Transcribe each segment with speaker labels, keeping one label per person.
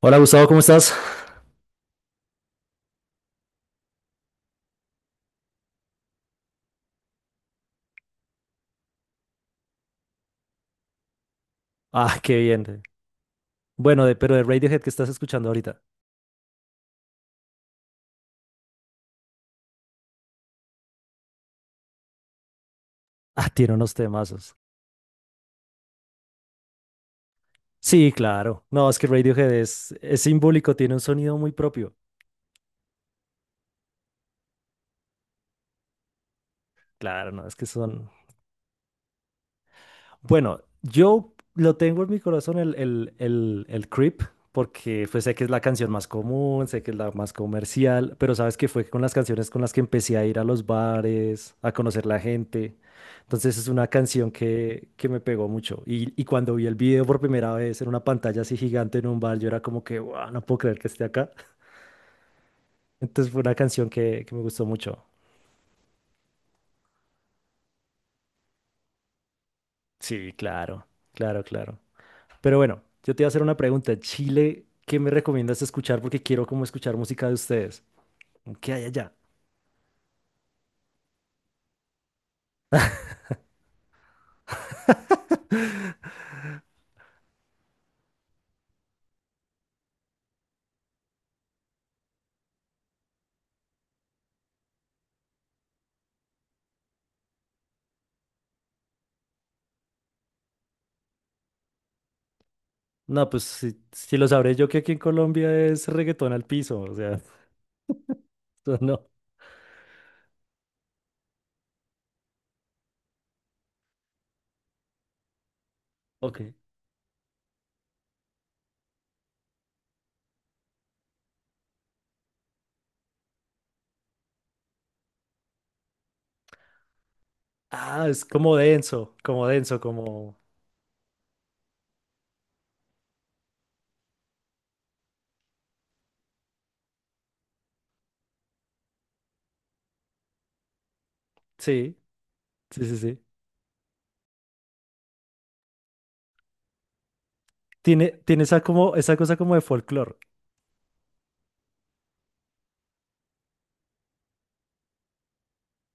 Speaker 1: Hola Gustavo, ¿cómo estás? Ah, qué bien. Bueno, de, pero de Radiohead que estás escuchando ahorita. Ah, tiene unos temazos. Sí, claro. No, es que Radiohead es simbólico, tiene un sonido muy propio. Claro, no, es que son. Bueno, yo lo tengo en mi corazón el Creep, porque pues sé que es la canción más común, sé que es la más comercial, pero sabes que fue con las canciones con las que empecé a ir a los bares, a conocer la gente. Entonces es una canción que me pegó mucho. Y cuando vi el video por primera vez en una pantalla así gigante en un bar, yo era como que, wow, no puedo creer que esté acá. Entonces fue una canción que me gustó mucho. Sí, claro, claro, claro. Pero bueno, yo te iba a hacer una pregunta. Chile, ¿qué me recomiendas escuchar? Porque quiero como escuchar música de ustedes. ¿Qué hay allá? No, pues si lo sabré yo, que aquí en Colombia es reggaetón al piso, o sea, eso no. Ok. Ah, es como denso, como denso, como... Sí, sí, sí, sí. Tiene, tiene esa, como, esa cosa como de folclore.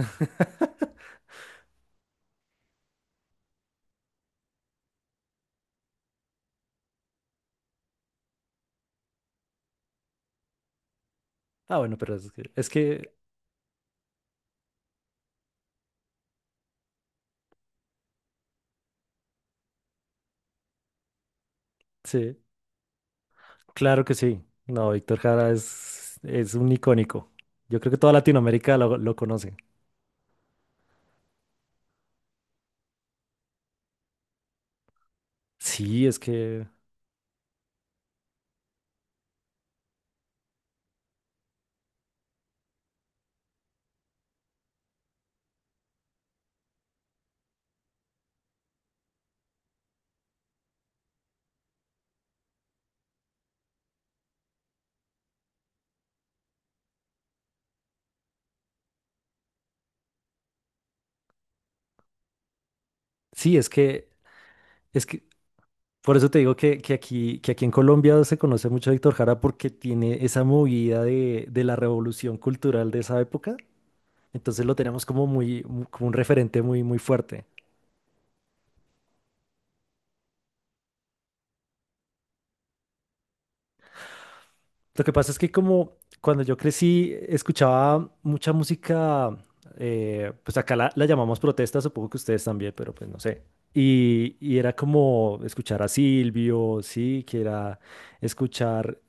Speaker 1: Ah, bueno, pero es que, sí, claro que sí. No, Víctor Jara es un icónico. Yo creo que toda Latinoamérica lo conoce. Sí, es que. Sí, es que, por eso te digo que aquí en Colombia se conoce mucho a Víctor Jara porque tiene esa movida de la revolución cultural de esa época. Entonces lo tenemos como muy, mu- como un referente muy, muy fuerte. Lo que pasa es que como cuando yo crecí escuchaba mucha música, pues acá la, la llamamos protesta, supongo que ustedes también, pero pues no sé. Y era como escuchar a Silvio, sí, que era escuchar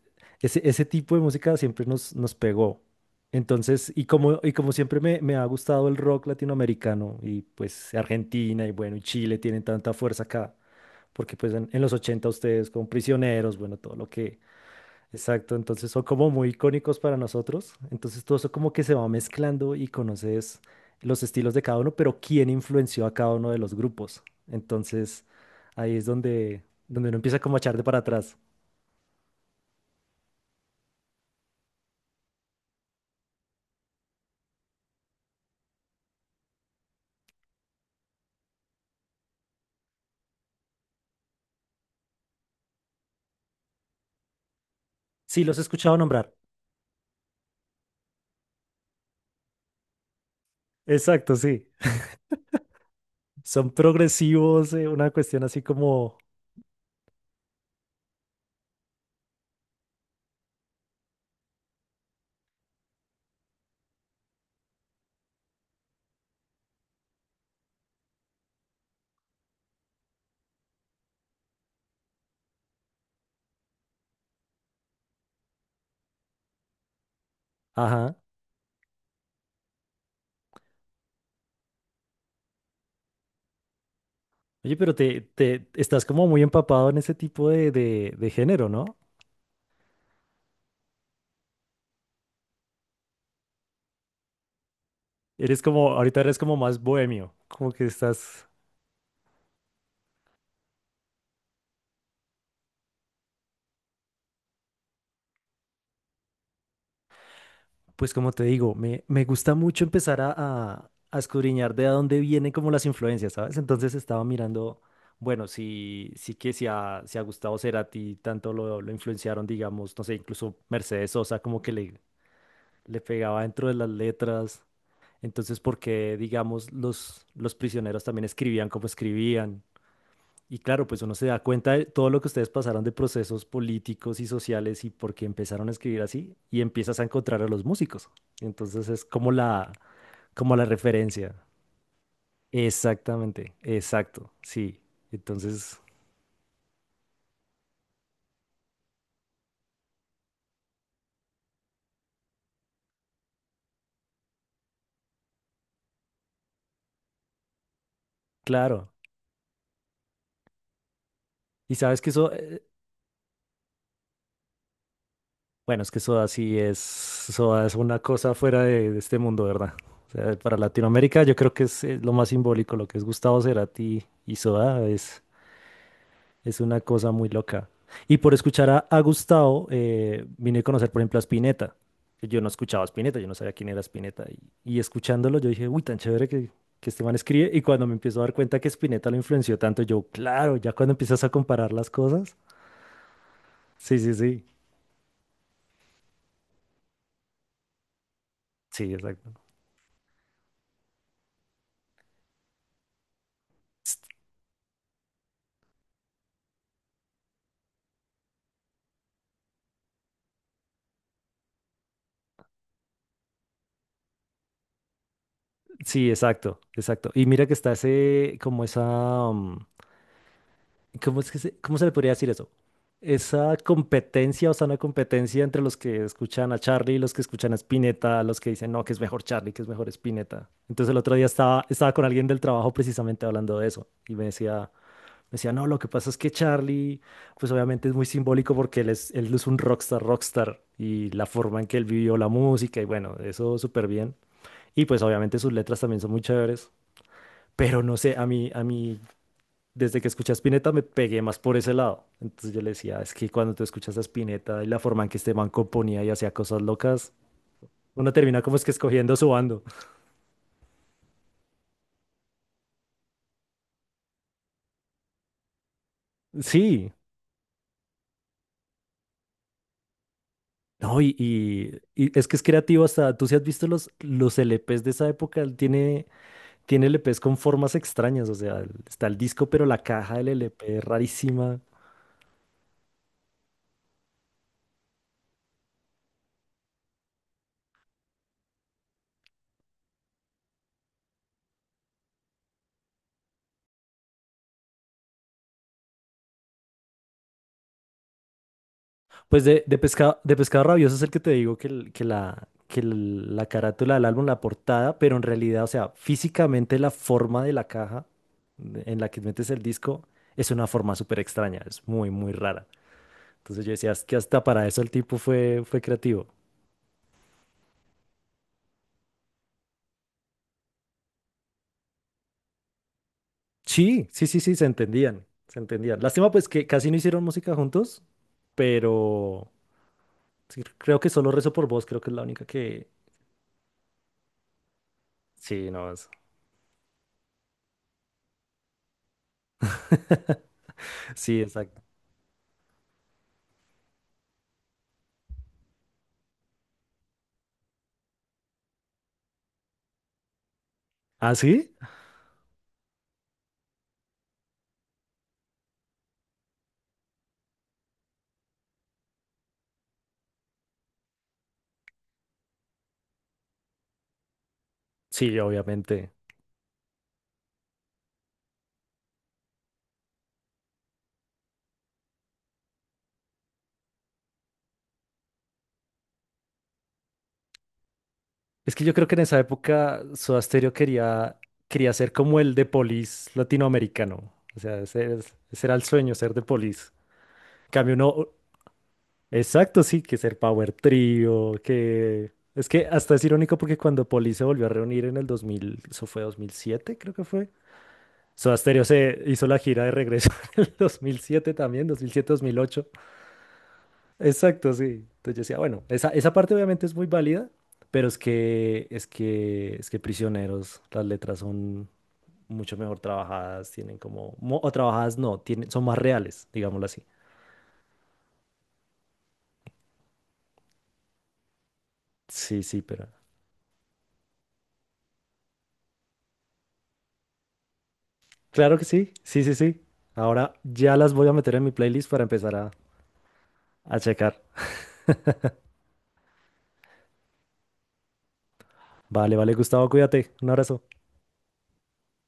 Speaker 1: ese, ese tipo de música siempre nos, nos pegó. Entonces, y como siempre me, me ha gustado el rock latinoamericano y pues Argentina y bueno, y Chile tienen tanta fuerza acá, porque pues en los 80 ustedes con Prisioneros, bueno, todo lo que. Exacto, entonces son como muy icónicos para nosotros. Entonces todo eso como que se va mezclando y conoces los estilos de cada uno, pero quién influenció a cada uno de los grupos. Entonces ahí es donde, donde uno empieza como a echar de para atrás. Sí, los he escuchado nombrar. Exacto, sí. Son progresivos, una cuestión así como, ajá. Oye, pero te estás como muy empapado en ese tipo de género, ¿no? Eres como, ahorita eres como más bohemio, como que estás. Pues como te digo, me gusta mucho empezar a escudriñar de a dónde vienen como las influencias, ¿sabes? Entonces estaba mirando, bueno, sí, sí que si a, si a Gustavo Cerati tanto lo influenciaron, digamos, no sé, incluso Mercedes Sosa como que le pegaba dentro de las letras. Entonces, ¿por qué, digamos, los prisioneros también escribían como escribían? Y claro, pues uno se da cuenta de todo lo que ustedes pasaron de procesos políticos y sociales y por qué empezaron a escribir así y empiezas a encontrar a los músicos. Entonces es como la referencia. Exactamente, exacto, sí. Entonces, claro. Y sabes que eso, bueno, es que Soda sí es, Soda es una cosa fuera de este mundo, ¿verdad? O sea, para Latinoamérica yo creo que es, lo más simbólico, lo que es Gustavo Cerati y Soda es. Es una cosa muy loca. Y por escuchar a Gustavo, vine a conocer, por ejemplo, a Spinetta. Yo no escuchaba a Spinetta, yo no sabía quién era Spinetta. Y escuchándolo, yo dije, uy, tan chévere que este man escribe. Y cuando me empiezo a dar cuenta que Spinetta lo influenció tanto, yo, claro, ya cuando empiezas a comparar las cosas. Sí, sí, sí. Sí, exacto. St- Sí, exacto, exacto. Y mira que está ese, como esa, ¿cómo es que se, cómo se le podría decir eso? Esa competencia, o sea, una competencia entre los que escuchan a Charlie y los que escuchan a Spinetta, los que dicen, no, que es mejor Charlie, que es mejor Spinetta. Entonces el otro día estaba con alguien del trabajo precisamente hablando de eso y me decía, no, lo que pasa es que Charlie, pues obviamente es muy simbólico porque él es un rockstar, rockstar y la forma en que él vivió la música y bueno, eso súper bien. Y pues obviamente sus letras también son muy chéveres. Pero no sé, a mí desde que escuché a Spinetta me pegué más por ese lado. Entonces yo le decía, es que cuando tú escuchas a Spinetta y la forma en que este man componía y hacía cosas locas, uno termina como es que escogiendo su bando. Sí, no, y es que es creativo hasta, tú si has visto los LPs de esa época, él tiene, tiene LPs con formas extrañas, o sea, está el disco, pero la caja del LP es rarísima. Pues de Pescado Rabioso es el que te digo que, el- que la, que el- la carátula del álbum, la portada, pero en realidad, o sea, físicamente la forma de la caja en la que metes el disco es una forma súper extraña, es muy, muy rara. Entonces yo decía, es que hasta para eso el tipo fue, fue creativo. Sí, sí, sí, sí, se entendían, se entendían. Lástima pues que casi no hicieron música juntos, pero sí, creo que solo Rezo por Vos, creo que es la única que... Sí, no, es... sí, exacto. ¿Ah, sí? Sí, obviamente. Es que yo creo que en esa época Soda Stereo quería, quería ser como el de Police latinoamericano. O sea, ese, es- ese era el sueño, ser de Police. En cambio, no. Exacto, sí, que ser Power Trio, que. Es que hasta es irónico porque cuando Police se volvió a reunir en el 2000, eso fue 2007, creo que fue. Soda Stereo se hizo la gira de regreso en el 2007 también, 2007-2008. Exacto, sí. Entonces yo decía, bueno, esa parte obviamente es muy válida, pero es que, es que, es que prisioneros, las letras son mucho mejor trabajadas, tienen como, mo- o trabajadas no, tienen, son más reales, digámoslo así. Sí, sí, pero claro que sí, sí, sí, sí. Ahora ya las voy a meter en mi playlist para empezar a checar. Vale, vale, Gustavo, cuídate. Un abrazo.